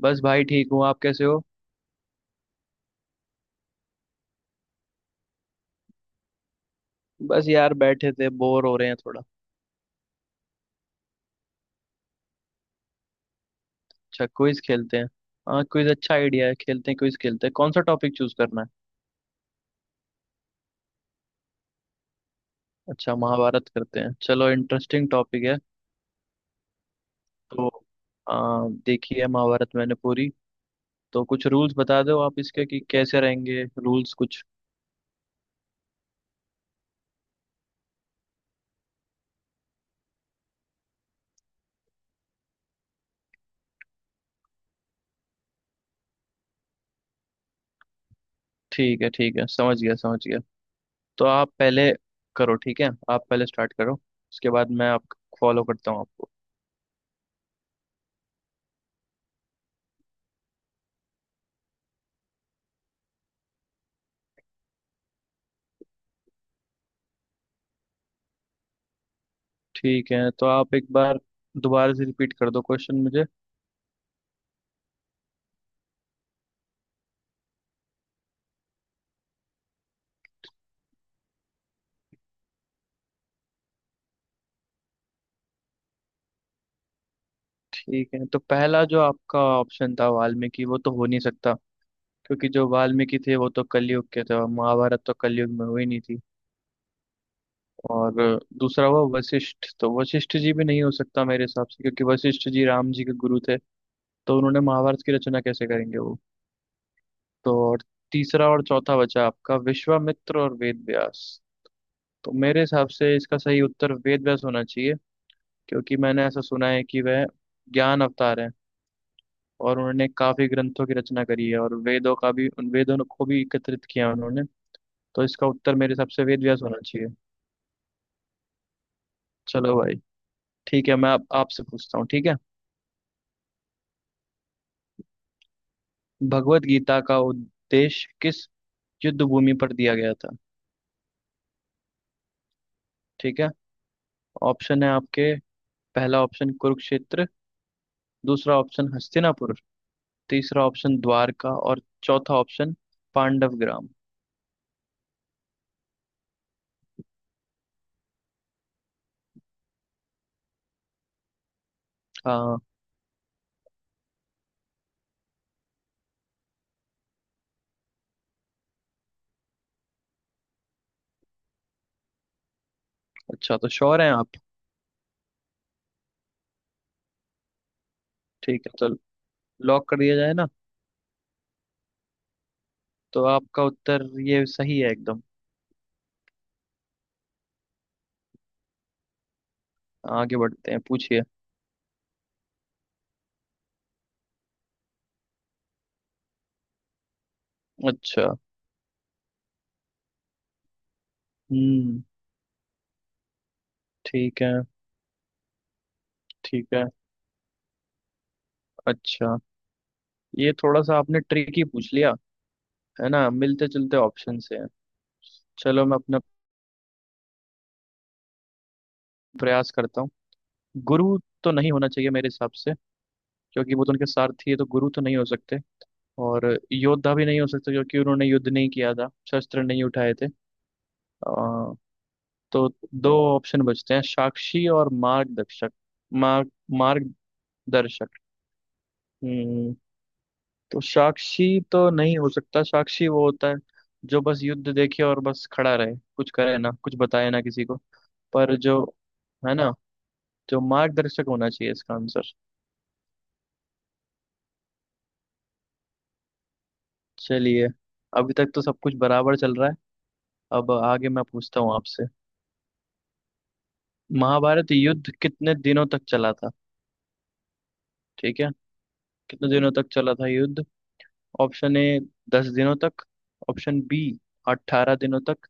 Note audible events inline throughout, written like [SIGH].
बस भाई ठीक हूँ। आप कैसे हो? बस यार बैठे थे, बोर हो रहे हैं थोड़ा। अच्छा, क्विज खेलते हैं। हाँ, क्विज अच्छा आइडिया है, खेलते हैं क्विज, खेलते हैं। कौन सा टॉपिक चूज करना है? अच्छा, महाभारत करते हैं, चलो इंटरेस्टिंग टॉपिक है। तो देखी है महाभारत मैंने पूरी। तो कुछ रूल्स बता दो आप इसके, कि कैसे रहेंगे रूल्स कुछ। ठीक है ठीक है, समझ गया समझ गया। तो आप पहले करो, ठीक है आप पहले स्टार्ट करो, उसके बाद मैं आप फॉलो करता हूँ आपको। ठीक है, तो आप एक बार दोबारा से रिपीट कर दो क्वेश्चन मुझे। ठीक है, तो पहला जो आपका ऑप्शन था वाल्मीकि वो तो हो नहीं सकता, क्योंकि जो वाल्मीकि थे वो तो कलयुग के थे और महाभारत तो कलयुग में हुई नहीं थी। और दूसरा हुआ वशिष्ठ, तो वशिष्ठ जी भी नहीं हो सकता मेरे हिसाब से, क्योंकि वशिष्ठ जी राम जी के गुरु थे, तो उन्होंने महाभारत की रचना कैसे करेंगे वो। तो और तीसरा और चौथा बचा आपका विश्वामित्र और वेद व्यास। तो मेरे हिसाब से इसका सही उत्तर वेद व्यास होना चाहिए, क्योंकि मैंने ऐसा सुना है कि वह ज्ञान अवतार है, और उन्होंने काफी ग्रंथों की रचना करी है और वेदों को भी एकत्रित किया उन्होंने। तो इसका उत्तर मेरे हिसाब से वेद व्यास होना चाहिए। चलो भाई, ठीक है, मैं आप आपसे पूछता हूँ, ठीक है। भगवत गीता का उद्देश्य किस युद्ध भूमि पर दिया गया था? ठीक है, ऑप्शन है आपके, पहला ऑप्शन कुरुक्षेत्र, दूसरा ऑप्शन हस्तिनापुर, तीसरा ऑप्शन द्वारका, और चौथा ऑप्शन पांडव ग्राम। हाँ, अच्छा, तो श्योर हैं आप? ठीक है चलो, लॉक कर दिया जाए ना। तो आपका उत्तर ये सही है एकदम। आगे बढ़ते हैं, पूछिए। अच्छा। हम्म। ठीक है। ठीक है। अच्छा, ये थोड़ा सा आपने ट्रिक ही पूछ लिया, है ना, मिलते जुलते ऑप्शन से है। चलो, मैं अपना प्रयास करता हूँ। गुरु तो नहीं होना चाहिए मेरे हिसाब से, क्योंकि वो तो उनके सारथी है, तो गुरु तो नहीं हो सकते। और योद्धा भी नहीं हो सकते, क्योंकि उन्होंने युद्ध नहीं किया था, शस्त्र नहीं उठाए थे। अ, तो दो ऑप्शन बचते हैं, साक्षी और मार्गदर्शक। मार्ग मार्गदर्शक। हम्म, तो साक्षी तो नहीं हो सकता, साक्षी वो होता है जो बस युद्ध देखे और बस खड़ा रहे, कुछ करे ना, कुछ बताए ना किसी को। पर जो, है ना, जो मार्गदर्शक होना चाहिए इसका आंसर। चलिए, अभी तक तो सब कुछ बराबर चल रहा है। अब आगे मैं पूछता हूँ आपसे। महाभारत युद्ध कितने दिनों तक चला था? ठीक है, कितने दिनों तक चला था युद्ध? ऑप्शन ए, 10 दिनों तक। ऑप्शन बी, 18 दिनों तक।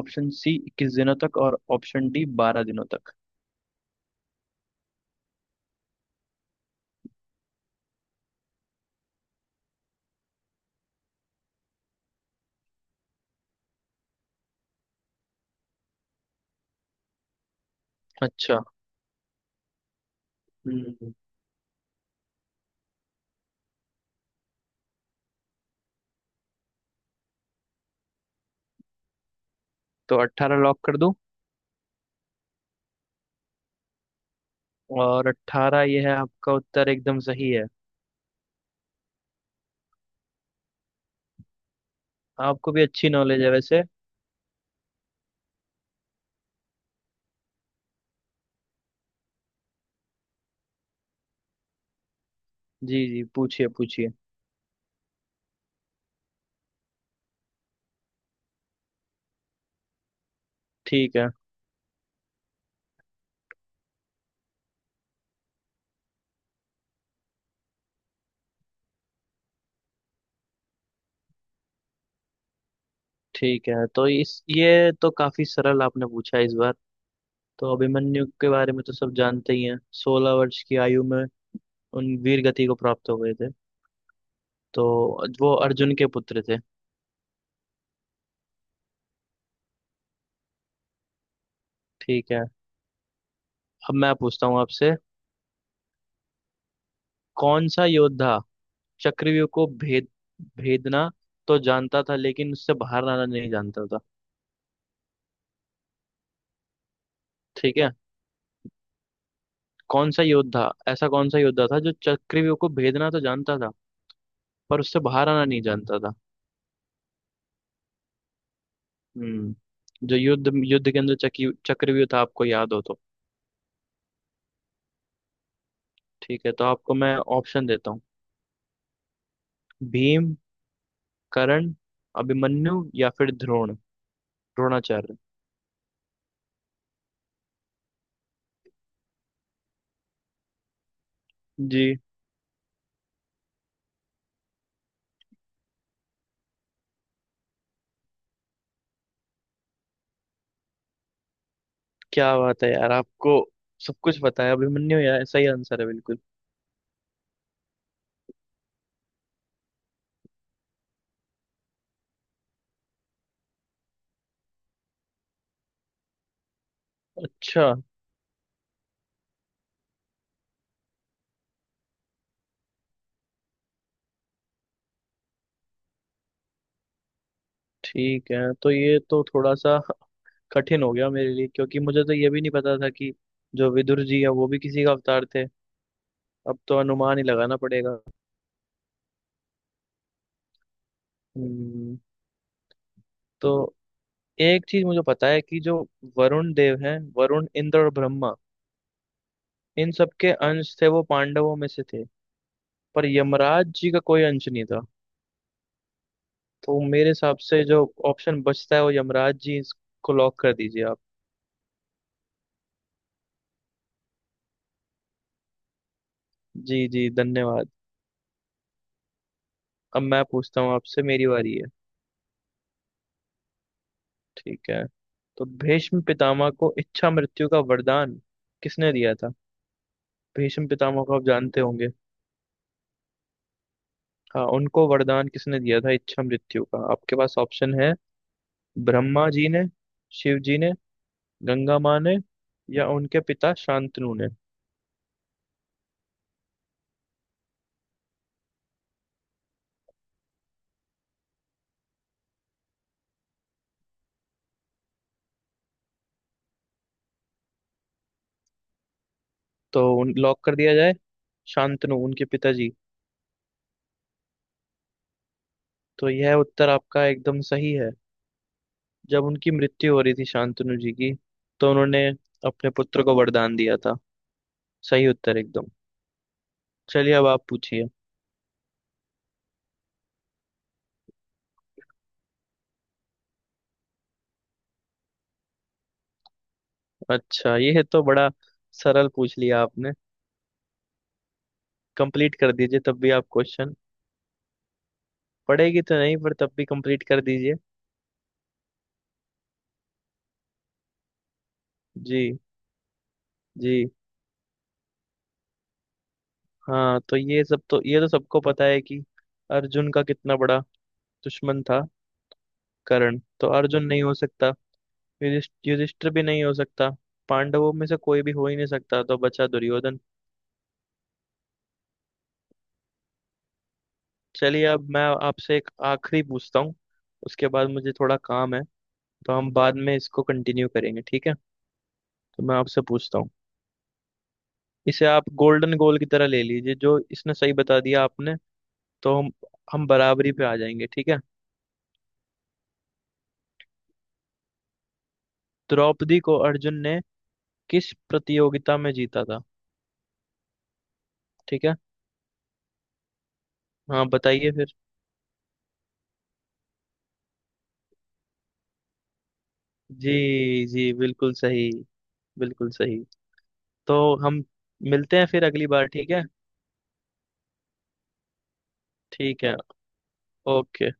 ऑप्शन सी, 21 दिनों तक। और ऑप्शन डी, 12 दिनों तक। अच्छा, हम्म। तो 18 लॉक कर दूं? और 18, ये है आपका उत्तर एकदम सही है। आपको भी अच्छी नॉलेज है वैसे। जी जी, पूछिए पूछिए। ठीक है। ठीक है, तो इस ये तो काफी सरल आपने पूछा इस बार। तो अभिमन्यु के बारे में तो सब जानते ही हैं, 16 वर्ष की आयु में उन वीर गति को प्राप्त हो गए थे। तो वो अर्जुन के पुत्र थे। ठीक है, अब मैं पूछता हूँ आपसे। कौन सा योद्धा चक्रव्यूह को भेदना तो जानता था, लेकिन उससे बाहर आना नहीं जानता था। ठीक है, कौन सा योद्धा, ऐसा कौन सा योद्धा था जो चक्रव्यूह को भेदना तो जानता था, पर उससे बाहर आना नहीं जानता था। हम्म, जो युद्ध युद्ध के अंदर चकी चक्रव्यूह था, आपको याद हो तो। ठीक है, तो आपको मैं ऑप्शन देता हूँ, भीम, कर्ण, अभिमन्यु, या फिर द्रोण, द्रोणाचार्य। जी। क्या बात है यार, आपको सब कुछ पता है। अभिमन्यु यार सही आंसर है बिल्कुल। अच्छा। ठीक है, तो ये तो थोड़ा सा [LAUGHS] कठिन हो गया मेरे लिए, क्योंकि मुझे तो ये भी नहीं पता था कि जो विदुर जी है वो भी किसी का अवतार थे। अब तो अनुमान ही लगाना पड़ेगा। हम्म, तो एक चीज मुझे पता है कि जो वरुण देव हैं, वरुण, इंद्र और ब्रह्मा, इन सबके अंश थे, वो पांडवों में से थे। पर यमराज जी का कोई अंश नहीं था। तो मेरे हिसाब से जो ऑप्शन बचता है वो यमराज जी, इसको लॉक कर दीजिए आप। जी जी धन्यवाद। अब मैं पूछता हूँ आपसे, मेरी बारी है। ठीक है, तो भीष्म पितामह को इच्छा मृत्यु का वरदान किसने दिया था? भीष्म पितामह को आप जानते होंगे। हाँ, उनको वरदान किसने दिया था इच्छा मृत्यु का? आपके पास ऑप्शन है, ब्रह्मा जी ने, शिव जी ने, गंगा माँ ने, या उनके पिता शांतनु ने। तो उन लॉक कर दिया जाए, शांतनु उनके पिताजी। तो यह उत्तर आपका एकदम सही है। जब उनकी मृत्यु हो रही थी शांतनु जी की, तो उन्होंने अपने पुत्र को वरदान दिया था। सही उत्तर एकदम। चलिए अब आप पूछिए। अच्छा, ये तो बड़ा सरल पूछ लिया आपने। कंप्लीट कर दीजिए तब भी आप क्वेश्चन। पढ़ेगी तो नहीं, पर तब भी कंप्लीट कर दीजिए। जी। जी। हाँ, तो ये सब तो, ये तो सबको पता है कि अर्जुन का कितना बड़ा दुश्मन था कर्ण, तो अर्जुन नहीं हो सकता, युधिष्ठिर भी नहीं हो सकता, पांडवों में से कोई भी हो ही नहीं सकता, तो बचा दुर्योधन। चलिए अब मैं आपसे एक आखिरी पूछता हूँ, उसके बाद मुझे थोड़ा काम है, तो हम बाद में इसको कंटिन्यू करेंगे, ठीक है। तो मैं आपसे पूछता हूँ, इसे आप गोल्डन गोल की तरह ले लीजिए, जो इसने सही बता दिया आपने, तो हम हम बराबरी पे आ जाएंगे, ठीक है। द्रौपदी को अर्जुन ने किस प्रतियोगिता में जीता था? ठीक है। हाँ बताइए फिर। जी जी, बिल्कुल सही, बिल्कुल सही। तो हम मिलते हैं फिर अगली बार, ठीक है। ठीक है, ओके।